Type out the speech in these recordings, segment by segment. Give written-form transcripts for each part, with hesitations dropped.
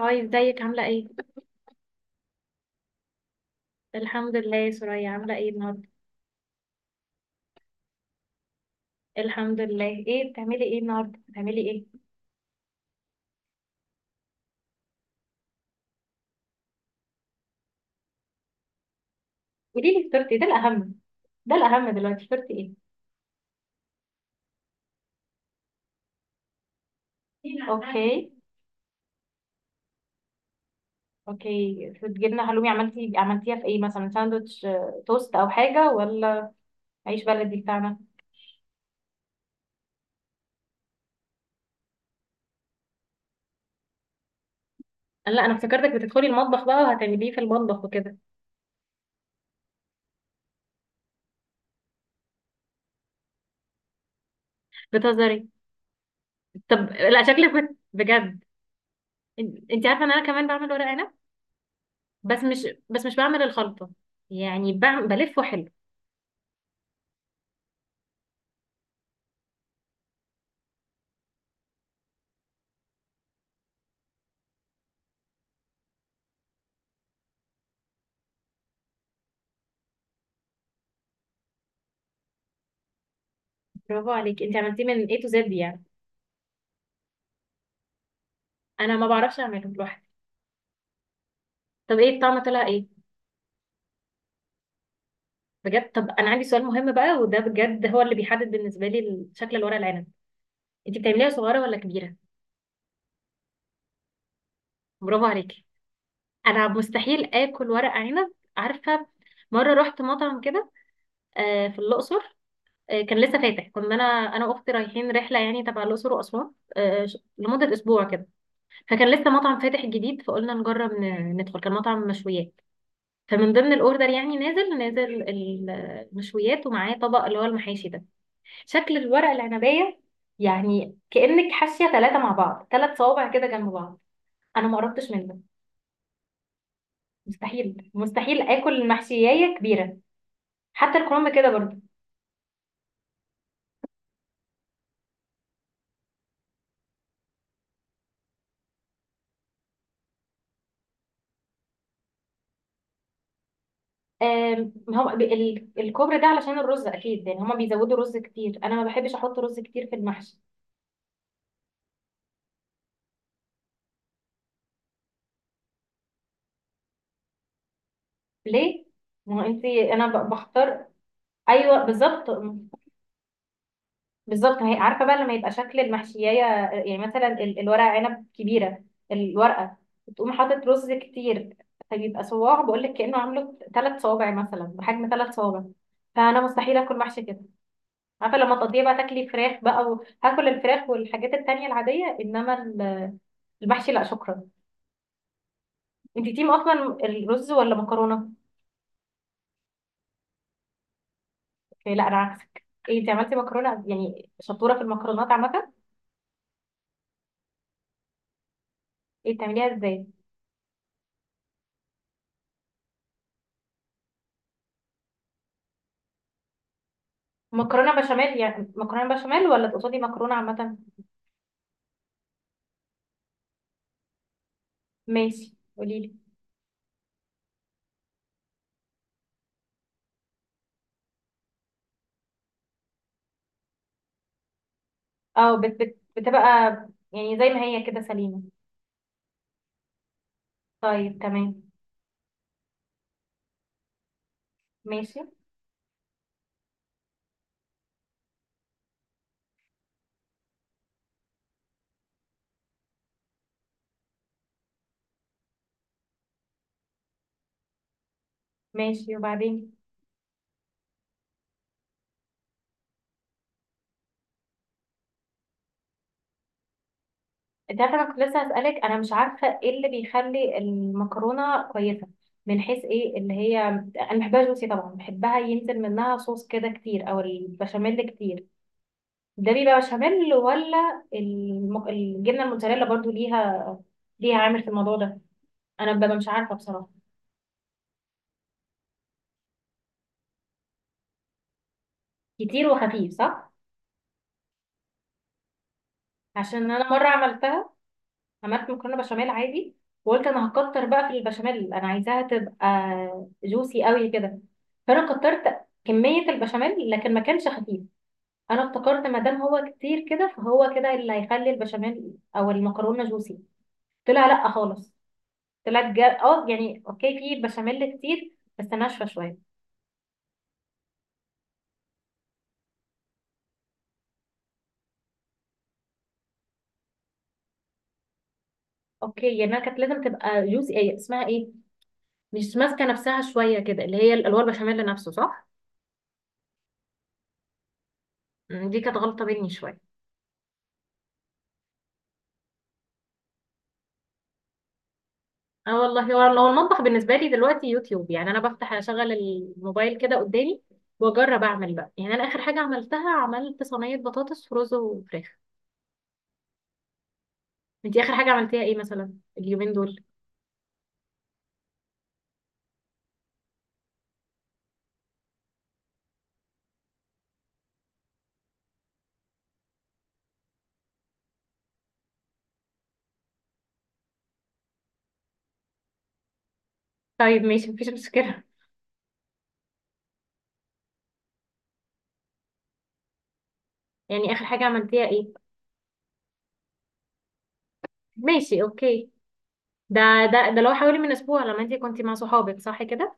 هاي، ازيك؟ عاملة ايه؟ الحمد لله. يا سوريا، عاملة ايه النهاردة؟ الحمد لله. بتعملي ايه النهاردة؟ بتعملي ايه؟ قولي لي فطرتي، ده الأهم. ده الأهم دلوقتي، فطرتي ايه؟ اوكي. اوكي، فطرنا حلومي. عملتيها في ايه؟ مثلا ساندوتش، توست او حاجة، ولا عيش بلدي بتاعنا؟ لا، انا افتكرتك بتدخلي المطبخ بقى وهتعمليه في المطبخ وكده. بتهزري؟ طب لا، شكلك بجد. انت عارفة ان انا كمان بعمل ورق عنب، بس مش بعمل الخلطة. يعني بعمل بلفه. حلو. برافو عليك، انت عملتيه من A to Z يعني. انا ما بعرفش اعمله لوحدي. طب ايه الطعم؟ طلع ايه؟ بجد؟ طب انا عندي سؤال مهم بقى، وده بجد هو اللي بيحدد بالنسبه لي شكل الورق العنب. انت بتعمليها صغيره ولا كبيره؟ برافو عليكي. انا مستحيل اكل ورق عنب، عارفه. مره رحت مطعم كده، في الاقصر. كان لسه فاتح. كنا انا، انا واختي رايحين رحله يعني تبع الاقصر واسوان، لمده اسبوع كده. فكان لسه مطعم فاتح جديد، فقلنا نجرب ندخل. كان مطعم مشويات، فمن ضمن الاوردر يعني نازل نازل المشويات، ومعاه طبق اللي هو المحاشي ده. شكل الورق العنبية يعني، كأنك حاشية ثلاثة مع بعض، ثلاث صوابع كده جنب بعض. انا ما قربتش منه. مستحيل مستحيل اكل المحشية كبيرة، حتى الكرنب كده برضه. هو الكوبرا ده علشان الرز اكيد، يعني هما بيزودوا رز كتير. انا ما بحبش احط رز كتير في المحشي. ليه؟ ما هو انت، انا بختار. ايوه، بالظبط. بالظبط، هي عارفه بقى، لما يبقى شكل المحشيه، يعني مثلا الورقه عنب كبيره، الورقه، تقوم حاطط رز كتير، فبيبقى صواع، بقول لك كانه عامله ثلاث صوابع، مثلا بحجم ثلاث صوابع. فانا مستحيل اكل محشي كده. عارفه لما تقضيه بقى، تاكلي فراخ بقى، وهاكل الفراخ والحاجات التانية العاديه، انما المحشي لا شكرا. انت تيم اصلا الرز ولا مكرونه؟ إيه، لا انا عكسك. ايه انت عملتي؟ مكرونه؟ يعني شطوره في المكرونات عامه. ايه؟ بتعمليها ازاي؟ مكرونه بشاميل؟ يعني مكرونه بشاميل ولا تقصدي مكرونه عامه؟ ماشي، قولي لي. اه، بت بت بتبقى يعني زي ما هي كده، سليمه. طيب، تمام. ماشي. ماشي، وبعدين؟ انت عارفه، انا كنت لسه هسالك، انا مش عارفه ايه اللي بيخلي المكرونه كويسه، من حيث ايه اللي هي. انا بحبها جوسي طبعا، بحبها ينزل منها صوص كده كتير، او البشاميل كتير. ده بيبقى بشاميل، ولا الجبنه الموتزاريلا برضو ليها، ليها عامل في الموضوع ده؟ انا ببقى مش عارفه بصراحه. كتير وخفيف، صح؟ عشان انا مره عملتها، عملت مكرونه بشاميل عادي، وقلت انا هكتر بقى في البشاميل، انا عايزاها تبقى جوسي قوي كده، فانا كترت كميه البشاميل، لكن ما كانش خفيف. انا افتكرت، ما دام هو كتير كده، فهو كده اللي هيخلي البشاميل او المكرونه جوسي. طلع لا خالص. طلعت جا... اه يعني اوكي، في بشاميل كتير بس ناشفه شويه. اوكي، يعني أنا كانت لازم تبقى جوسي، ايه اسمها، ايه، مش ماسكه نفسها شويه كده، اللي هي الالوان البشاميل نفسه، صح؟ دي كانت غلطة مني شوية. اه والله، هو هو المطبخ بالنسبة لي دلوقتي يوتيوب يعني. انا بفتح اشغل الموبايل كده قدامي واجرب اعمل بقى، يعني انا اخر حاجة عملتها، عملت صينية بطاطس ورز وفراخ. انتي اخر حاجة عملتيها ايه، مثلا اليومين دول؟ طيب ماشي، مفيش مشكلة. يعني اخر حاجة عملتيها ايه؟ ماشي، اوكي. ده ده لو حوالي من اسبوع، لما انتي كنتي مع صحابك، صح كده؟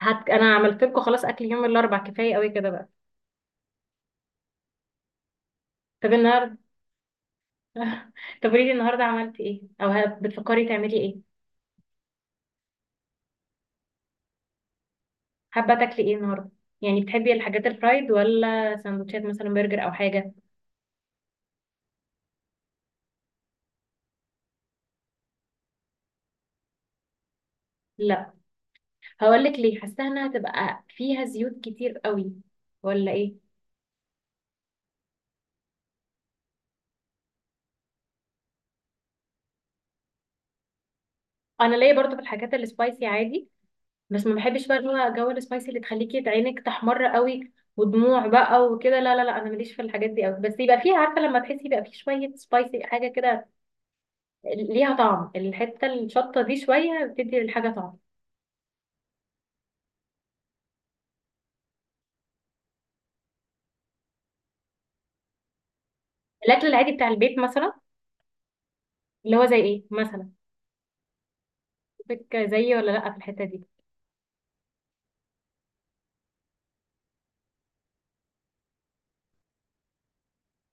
انا عملت لكم خلاص، اكل يوم الاربع كفاية قوي كده بقى. طب النهارده؟ طب قولي لي النهارده عملتي ايه، او بتفكري تعملي ايه؟ حابة تاكلي ايه النهاردة؟ يعني بتحبي الحاجات الفرايد، ولا سندوتشات مثلا برجر او حاجة؟ لا. هقولك ليه، حاسة انها هتبقى فيها زيوت كتير قوي، ولا ايه؟ انا ليا برضو في الحاجات السبايسي عادي، بس ما بحبش بقى اللي هو جو السبايسي اللي تخليكي عينك تحمر قوي ودموع بقى وكده، لا لا لا، انا ماليش في الحاجات دي قوي، بس يبقى فيها، عارفة، لما تحسي يبقى فيه شوية سبايسي، حاجة كده، ليها طعم، الحتة الشطة دي شوية بتدي للحاجة طعم. الاكل العادي بتاع البيت مثلا؟ اللي هو زي ايه مثلا؟ شوفك زيي ولا لا في الحتة دي.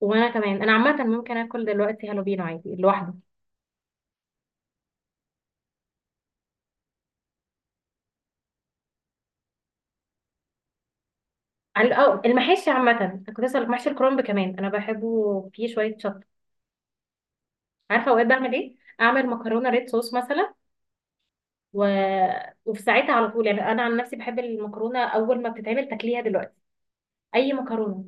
وانا كمان، انا عامه ممكن اكل دلوقتي هالو بينو عادي لوحده. المحاشي عامه، أنا كنت اسالك، محشي الكرنب كمان انا بحبه فيه شويه شطه. عارفه اوقات بعمل ايه؟ اعمل مكرونه ريد صوص مثلا، و... وفي ساعتها على طول، يعني انا عن نفسي بحب المكرونه اول ما بتتعمل تاكليها دلوقتي، اي مكرونه.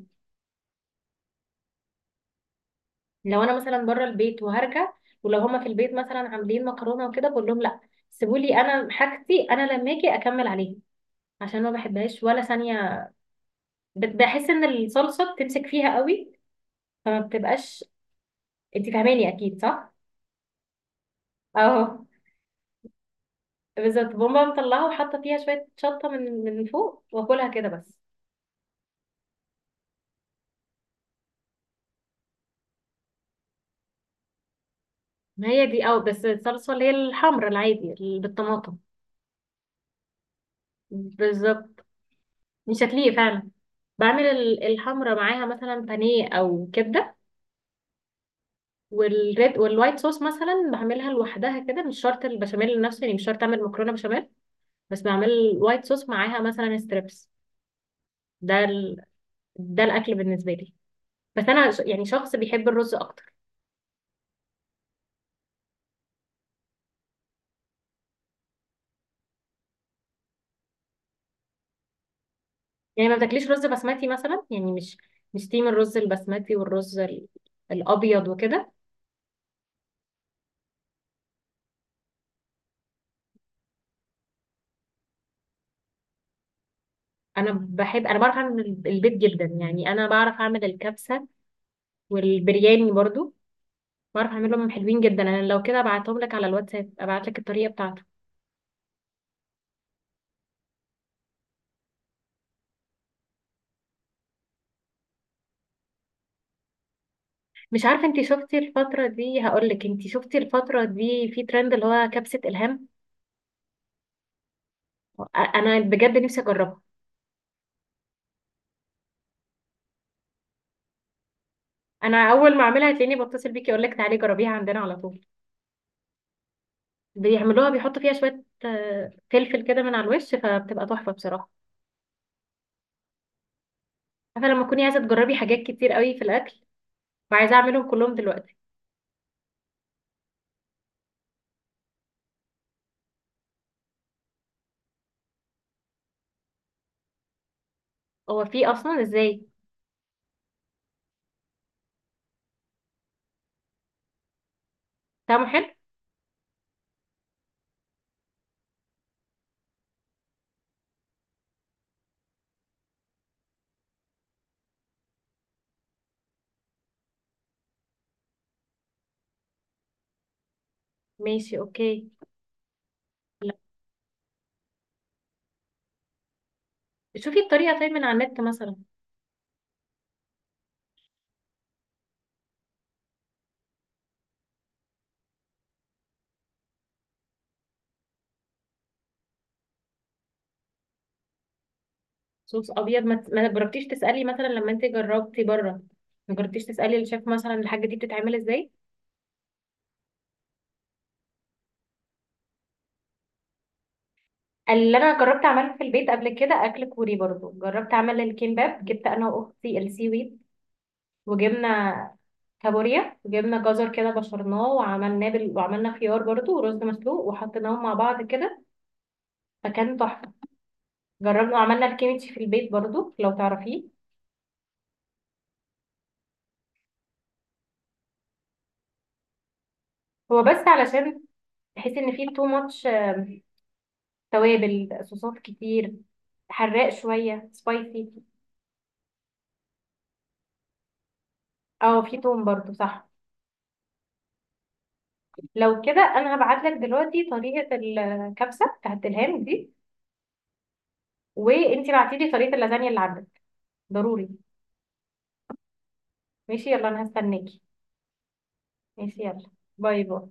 لو انا مثلا بره البيت وهرجع، ولو هما في البيت مثلا عاملين مكرونه وكده، بقول لهم لا، سيبولي انا حاجتي، انا لما اجي اكمل عليها، عشان ما بحبهاش ولا ثانيه، بحس ان الصلصه بتمسك فيها قوي، فما بتبقاش. انت فاهماني اكيد، صح؟ اهو. بالظبط، بقوم مطلعه، وحاطه فيها شويه شطه من فوق، واكلها كده بس. ما هي دي، بس الصلصة اللي هي الحمرا العادي اللي بالطماطم. بالظبط. مش هتليق فعلا. بعمل الحمرا معاها مثلا بانيه او كبده. والريد والوايت صوص مثلا بعملها لوحدها كده، مش شرط البشاميل نفسه، يعني مش شرط اعمل مكرونه بشاميل، بس بعمل الوايت صوص معاها مثلا ستريبس. ده ال... ده الاكل بالنسبه لي، بس انا يعني شخص بيحب الرز اكتر. يعني ما بتاكليش رز بسمتي مثلا، يعني مش، مش تيم الرز البسمتي والرز الابيض وكده؟ انا بعرف اعمل البيض جدا، يعني انا بعرف اعمل الكبسه والبرياني برضو، بعرف اعملهم حلوين جدا. انا لو كده ابعتهم لك على الواتساب، ابعت لك الطريقه بتاعته. مش عارفه انت شفتي الفتره دي، هقول لك، انت شفتي الفتره دي في ترند اللي هو كبسه الهام؟ أ- انا بجد نفسي اجربها. انا اول ما اعملها هتلاقيني بتصل بيكي، اقول لك تعالي جربيها عندنا على طول. بيعملوها بيحطوا فيها شوية، فلفل كده من على الوش، فبتبقى تحفة بصراحة. عارفة لما تكوني عايزة تجربي حاجات كتير قوي في الأكل، وعايزة أعملهم كلهم دلوقتي. هو في أصلا؟ إزاي؟ طعمه حلو؟ ماشي، أوكي. لا، شوفي الطريقة طيب من على النت مثلا. صوص أبيض. ما جربتيش تسألي مثلا لما أنت جربتي بره؟ ما جربتيش تسألي الشيف مثلا الحاجة دي بتتعمل إزاي؟ اللي أنا جربت أعمله في البيت قبل كده أكل كوري برضو، جربت أعمل الكيمباب. جبت أنا وأختي السي ويد، وجبنا كابوريا، وجبنا جزر كده بشرناه وعملناه وعملنا خيار برضو، ورز مسلوق، وحطيناهم مع بعض كده، فكان تحفة. جربنا وعملنا الكيميتشي في البيت برضو، لو تعرفيه. هو بس علشان تحس ان فيه تو ماتش، توابل، صوصات كتير، حراق، شوية سبايسي. اه في توم برضو، صح. لو كده، انا هبعت لك دلوقتي طريقة الكبسة بتاعت الهام دي، وانتي بعتيلي طريقة اللازانيا اللي عندك، ضروري. ماشي، يلا، انا هستناكي. ماشي، يلا. باي باي.